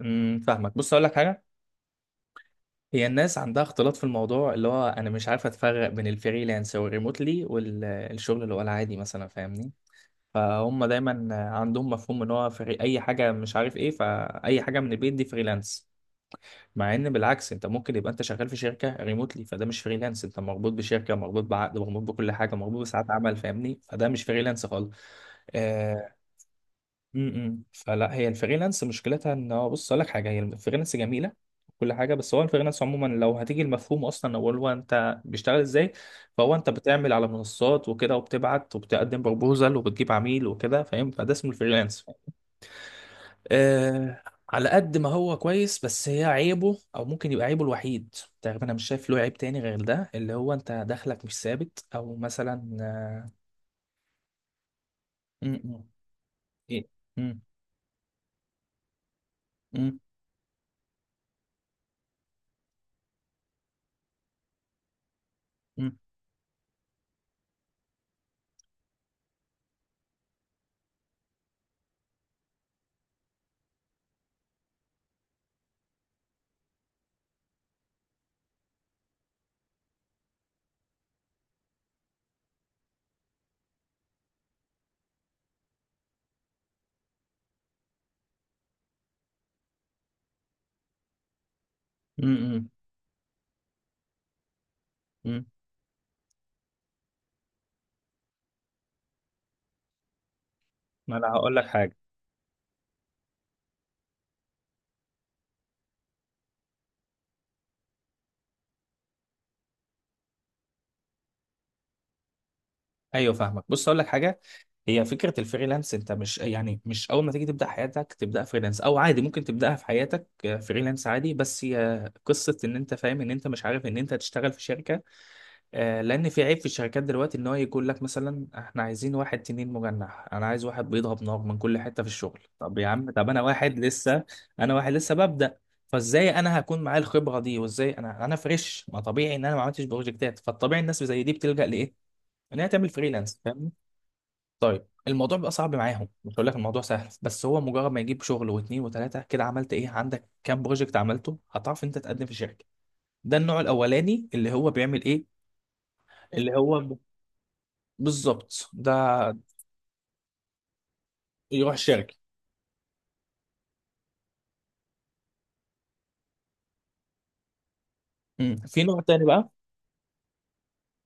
فاهمك، بص اقول لك حاجه. هي الناس عندها اختلاط في الموضوع اللي هو انا مش عارف اتفرق بين الفريلانس والريموتلي والشغل اللي هو العادي مثلا، فاهمني؟ فهم دايما عندهم مفهوم ان هو فري اي حاجه، مش عارف ايه، فاي حاجه من البيت دي فريلانس. مع ان بالعكس، انت ممكن يبقى انت شغال في شركه ريموتلي، فده مش فريلانس. انت مربوط بشركه، مربوط بعقد، مربوط بكل حاجه، مربوط بساعات عمل، فاهمني؟ فده مش فريلانس خالص. آه، فلا، هي الفريلانس مشكلتها ان هو، بص اقول لك حاجه، هي الفريلانس جميله كل حاجه، بس هو الفريلانس عموما لو هتيجي المفهوم اصلا، اول هو انت بيشتغل ازاي؟ فهو انت بتعمل على منصات وكده، وبتبعت وبتقدم بروبوزل وبتجيب عميل وكده، فاهم؟ فده اسمه الفريلانس. آه على قد ما هو كويس، بس هي عيبه، او ممكن يبقى عيبه الوحيد تقريبا، انا مش شايف له عيب تاني غير ده، اللي هو انت دخلك مش ثابت، او مثلا م- م- إيه؟ م- م- م- م- م- ما انا هقول لك حاجه. ايوه فاهمك، بص هقول لك حاجه. هي فكره الفريلانس، انت مش يعني مش اول ما تيجي تبدا حياتك تبدا فريلانس، او عادي ممكن تبداها في حياتك فريلانس عادي، بس هي قصه ان انت فاهم ان انت مش عارف ان انت هتشتغل في شركه. لان في عيب في الشركات دلوقتي ان هو يقول لك مثلا احنا عايزين واحد تنين مجنح، انا عايز واحد بيضرب نار من كل حته في الشغل. طب يا عم، طب انا واحد لسه، انا واحد لسه ببدا. فازاي انا هكون معايا الخبره دي؟ وازاي انا فريش؟ ما طبيعي ان انا ما عملتش بروجكتات. فالطبيعي الناس زي دي بتلجأ لايه؟ ان هي تعمل فريلانس، فاهمني؟ طيب الموضوع بيبقى صعب معاهم، مش هقول لك الموضوع سهل، بس هو مجرد ما يجيب شغل واتنين وتلاته كده، عملت ايه؟ عندك كام بروجكت عملته؟ هتعرف انت تقدم في شركه. ده النوع الاولاني، اللي هو بيعمل ايه؟ اللي هو ب- بالظبط، ده يروح شركه. امم، في نوع تاني بقى.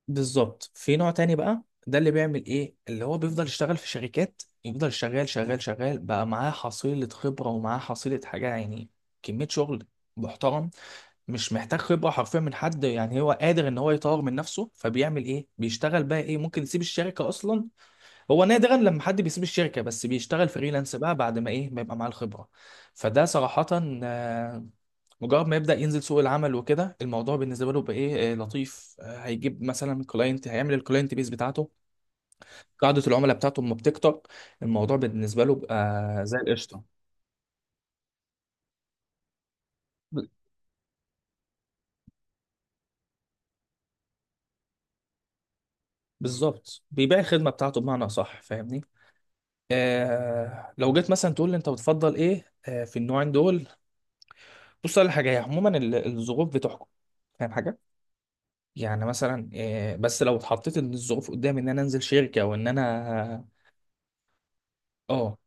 بالظبط، في نوع تاني بقى. ده اللي بيعمل ايه، اللي هو بيفضل يشتغل في شركات، يفضل شغال شغال شغال بقى معاه حصيلة خبرة ومعاه حصيلة حاجة يعني، كمية شغل محترم، مش محتاج خبرة حرفيا من حد، يعني هو قادر ان هو يطور من نفسه. فبيعمل ايه، بيشتغل بقى ايه، ممكن يسيب الشركة اصلا. هو نادرا لما حد بيسيب الشركة، بس بيشتغل فريلانس بقى بعد ما ايه، ما يبقى معاه الخبرة. فده صراحة آه، مجرد ما يبدأ ينزل سوق العمل وكده، الموضوع بالنسبة له بقى ايه؟ لطيف. هيجيب مثلا كلاينت، هيعمل الكلاينت بيس بتاعته، قاعدة العملاء بتاعته لما بتكتر الموضوع بالنسبة له بقى زي القشطة. ب- بالظبط، بيبيع الخدمة بتاعته، بمعنى صح، فاهمني؟ آه لو جيت مثلا تقول لي انت بتفضل ايه في النوعين دول، بص على حاجه، هي عموما الظروف بتحكم، فاهم حاجه؟ يعني مثلا بس لو اتحطيت ان الظروف قدامي ان انا انزل شركه وان انا، اه.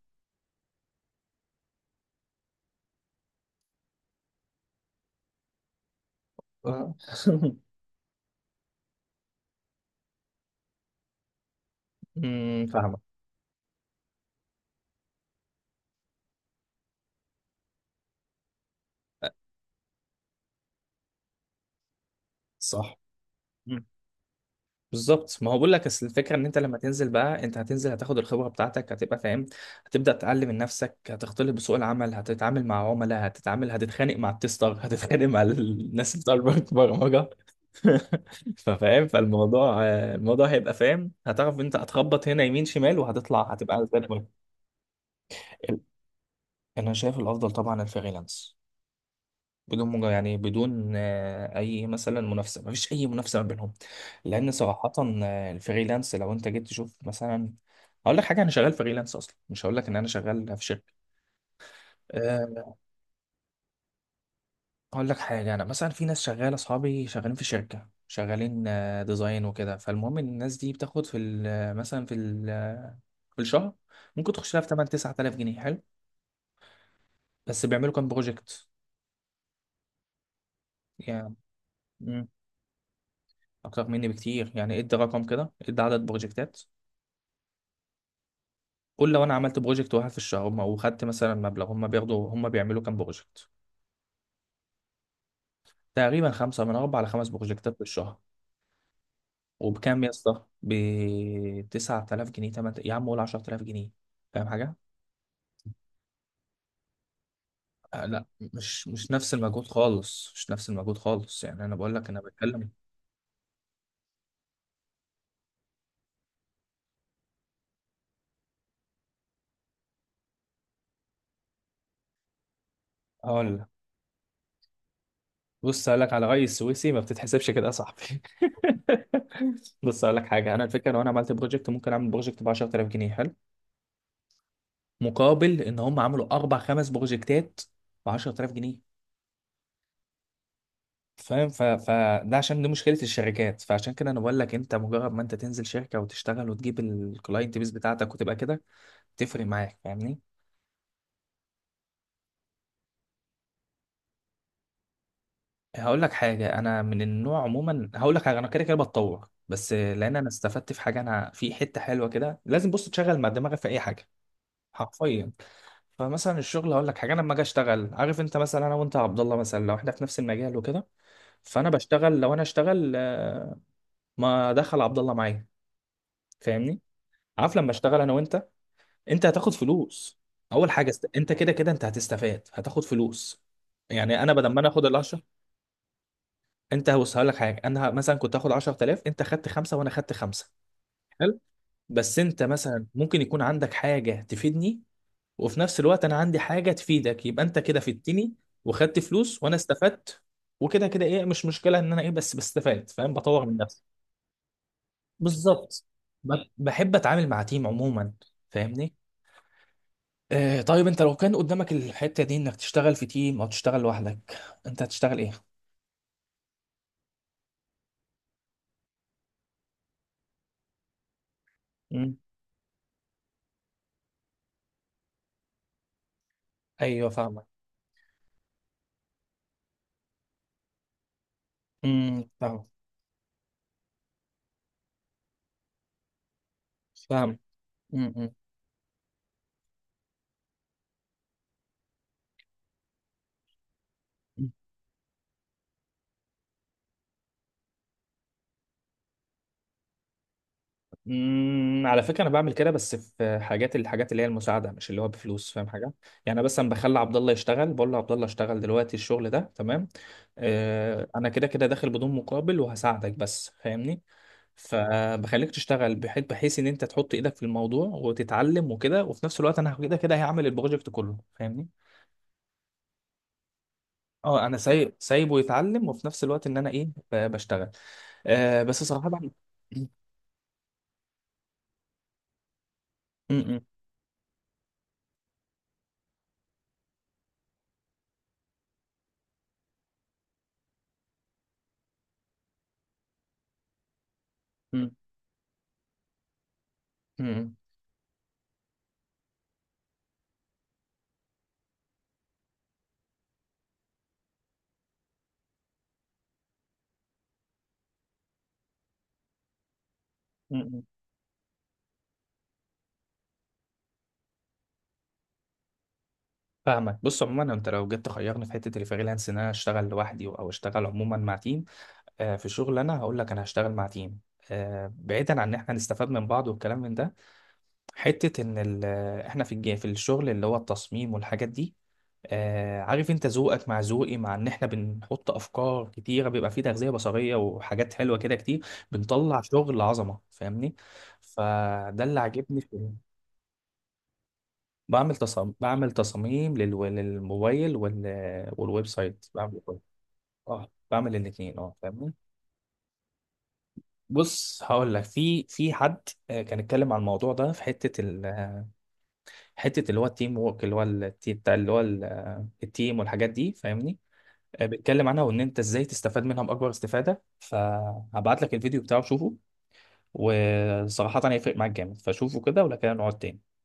آه. أمم، فاهمك. صح. مم. بالظبط، ما هو بقول لك اصل الفكره ان انت لما تنزل بقى، انت هتنزل هتاخد الخبره بتاعتك، هتبقى فاهم، هتبدا تتعلم من نفسك، هتختلط بسوق العمل، هتتعامل مع عملاء، هتتعامل هتتخانق مع التستر، هتتخانق مع الناس بتاع البرمجه. ففاهم، فالموضوع الموضوع هيبقى فاهم، هتعرف انت هتخبط هنا يمين شمال وهتطلع هتبقى زي الفل. ال- انا شايف الافضل طبعا الفريلانس، بدون يعني بدون اي مثلا منافسه، مفيش اي منافسه ما بينهم، لان صراحه الفريلانس لو انت جيت تشوف مثلا، هقول لك حاجه انا شغال فريلانس اصلا، مش هقول لك ان انا شغال في شركه. آه، اقول لك حاجه، انا مثلا في ناس شغاله، اصحابي شغالين في شركه، شغالين ديزاين وكده. فالمهم ان الناس دي بتاخد في مثلا في في الشهر ممكن تخش لها في 8 9000 جنيه، حلو. بس بيعملوا كام بروجكت يعني؟ مم، اكتر مني بكتير يعني، ادي رقم كده، ادي عدد بروجكتات. قول لو انا عملت بروجكت واحد في الشهر وخدت مثلا مبلغ، هم بياخدوا، هم بيعملوا كام بروجكت؟ تقريبا خمسه، من اربع لخمس بروجكتات في الشهر. وبكام يا اسطى؟ ب 9000 جنيه، 8، يا عم قول 10000 جنيه، فاهم حاجه؟ آه لا، مش نفس المجهود خالص، مش نفس المجهود خالص يعني. انا بقول لك، انا بتكلم، هقول لك بص، هقول لك على رأيي السويسي ما بتتحسبش كده يا صاحبي. بص هقول لك حاجه، انا الفكره لو انا عملت بروجكت، ممكن اعمل بروجكت ب 10000 جنيه، حلو، مقابل ان هم عملوا اربع خمس بروجكتات ب 10000 جنيه، فاهم فده عشان دي مشكله الشركات. فعشان كده انا بقول لك انت مجرد ما انت تنزل شركه وتشتغل وتجيب الكلاينت بيس بتاعتك وتبقى كده، تفرق معاك، فاهمني؟ هقول لك حاجة، أنا من النوع عموما، هقول لك حاجة، أنا كده كده بتطور، بس لأن أنا استفدت في حاجة، أنا في حتة حلوة كده، لازم بص تشغل مع دماغك في أي حاجة حرفيا. فمثلا الشغل، هقول لك حاجة، أنا لما أجي أشتغل، عارف أنت مثلا، أنا وأنت يا عبد الله مثلا لو إحنا في نفس المجال وكده، فأنا بشتغل، لو أنا أشتغل، ما أدخل عبد الله معايا، فاهمني؟ عارف لما أشتغل أنا وأنت، أنت هتاخد فلوس، أول حاجة أنت كده كده أنت هتستفاد، هتاخد فلوس. يعني أنا بدل ما أنا آخد ال، انت بص هقول لك حاجه، انا مثلا كنت هاخد 10000، انت خدت خمسه وانا خدت خمسه، حلو. بس انت مثلا ممكن يكون عندك حاجه تفيدني، وفي نفس الوقت انا عندي حاجه تفيدك، يبقى انت كده فدتني وخدت فلوس، وانا استفدت وكده كده، ايه مش مشكله ان انا ايه بس بستفاد، فاهم؟ بطور من نفسي. بالظبط. بحب اتعامل مع تيم عموما، فاهمني؟ آه طيب انت لو كان قدامك الحته دي انك تشتغل في تيم او تشتغل لوحدك، انت هتشتغل ايه؟ امم. ايوه فاهمك. امم. فاهم. فاهم. امم. على فكره انا بعمل كده، بس في حاجات، الحاجات اللي هي المساعده، مش اللي هو بفلوس، فاهم حاجه؟ يعني أنا مثلا بخلي عبد الله يشتغل، بقول له عبد الله اشتغل دلوقتي الشغل ده تمام، انا كده كده داخل بدون مقابل وهساعدك بس، فاهمني؟ فبخليك تشتغل، بحيث ان انت تحط ايدك في الموضوع وتتعلم وكده، وفي نفس الوقت انا كده كده هعمل البروجكت كله، فاهمني؟ اه انا سايب، سايبه يتعلم، وفي نفس الوقت ان انا ايه، بشتغل. بس صراحه بعمل م- م- م- م- م- م- فاهمك. بص عموما، انت لو جيت تخيرني في حته الفريلانس، ان انا اشتغل لوحدي او اشتغل عموما مع تيم في شغل، انا هقول لك انا هشتغل مع تيم. بعيدا عن ان احنا نستفاد من بعض والكلام من ده، حته ان احنا في الشغل اللي هو التصميم والحاجات دي، عارف انت ذوقك مع ذوقي، مع ان احنا بنحط افكار كتيره، بيبقى فيه تغذيه بصريه وحاجات حلوه كده كتير، بنطلع شغل عظمه، فاهمني؟ فده اللي عاجبني. بعمل تصاميم، بعمل تصاميم لل- للموبايل والويب سايت، بعمل كله. اه بعمل الاثنين، اه، فاهمني؟ بص هقول لك في حد كان اتكلم عن الموضوع ده في حته حته اللي هو التيم وورك، اللي هو بتاع اللي هو التيم والحاجات دي، فاهمني؟ بيتكلم عنها وان انت ازاي تستفاد منها باكبر استفاده، فهبعت لك الفيديو بتاعه شوفه. وصراحه هيفرق معاك جامد، فشوفه كده ولا كده نقعد تاني.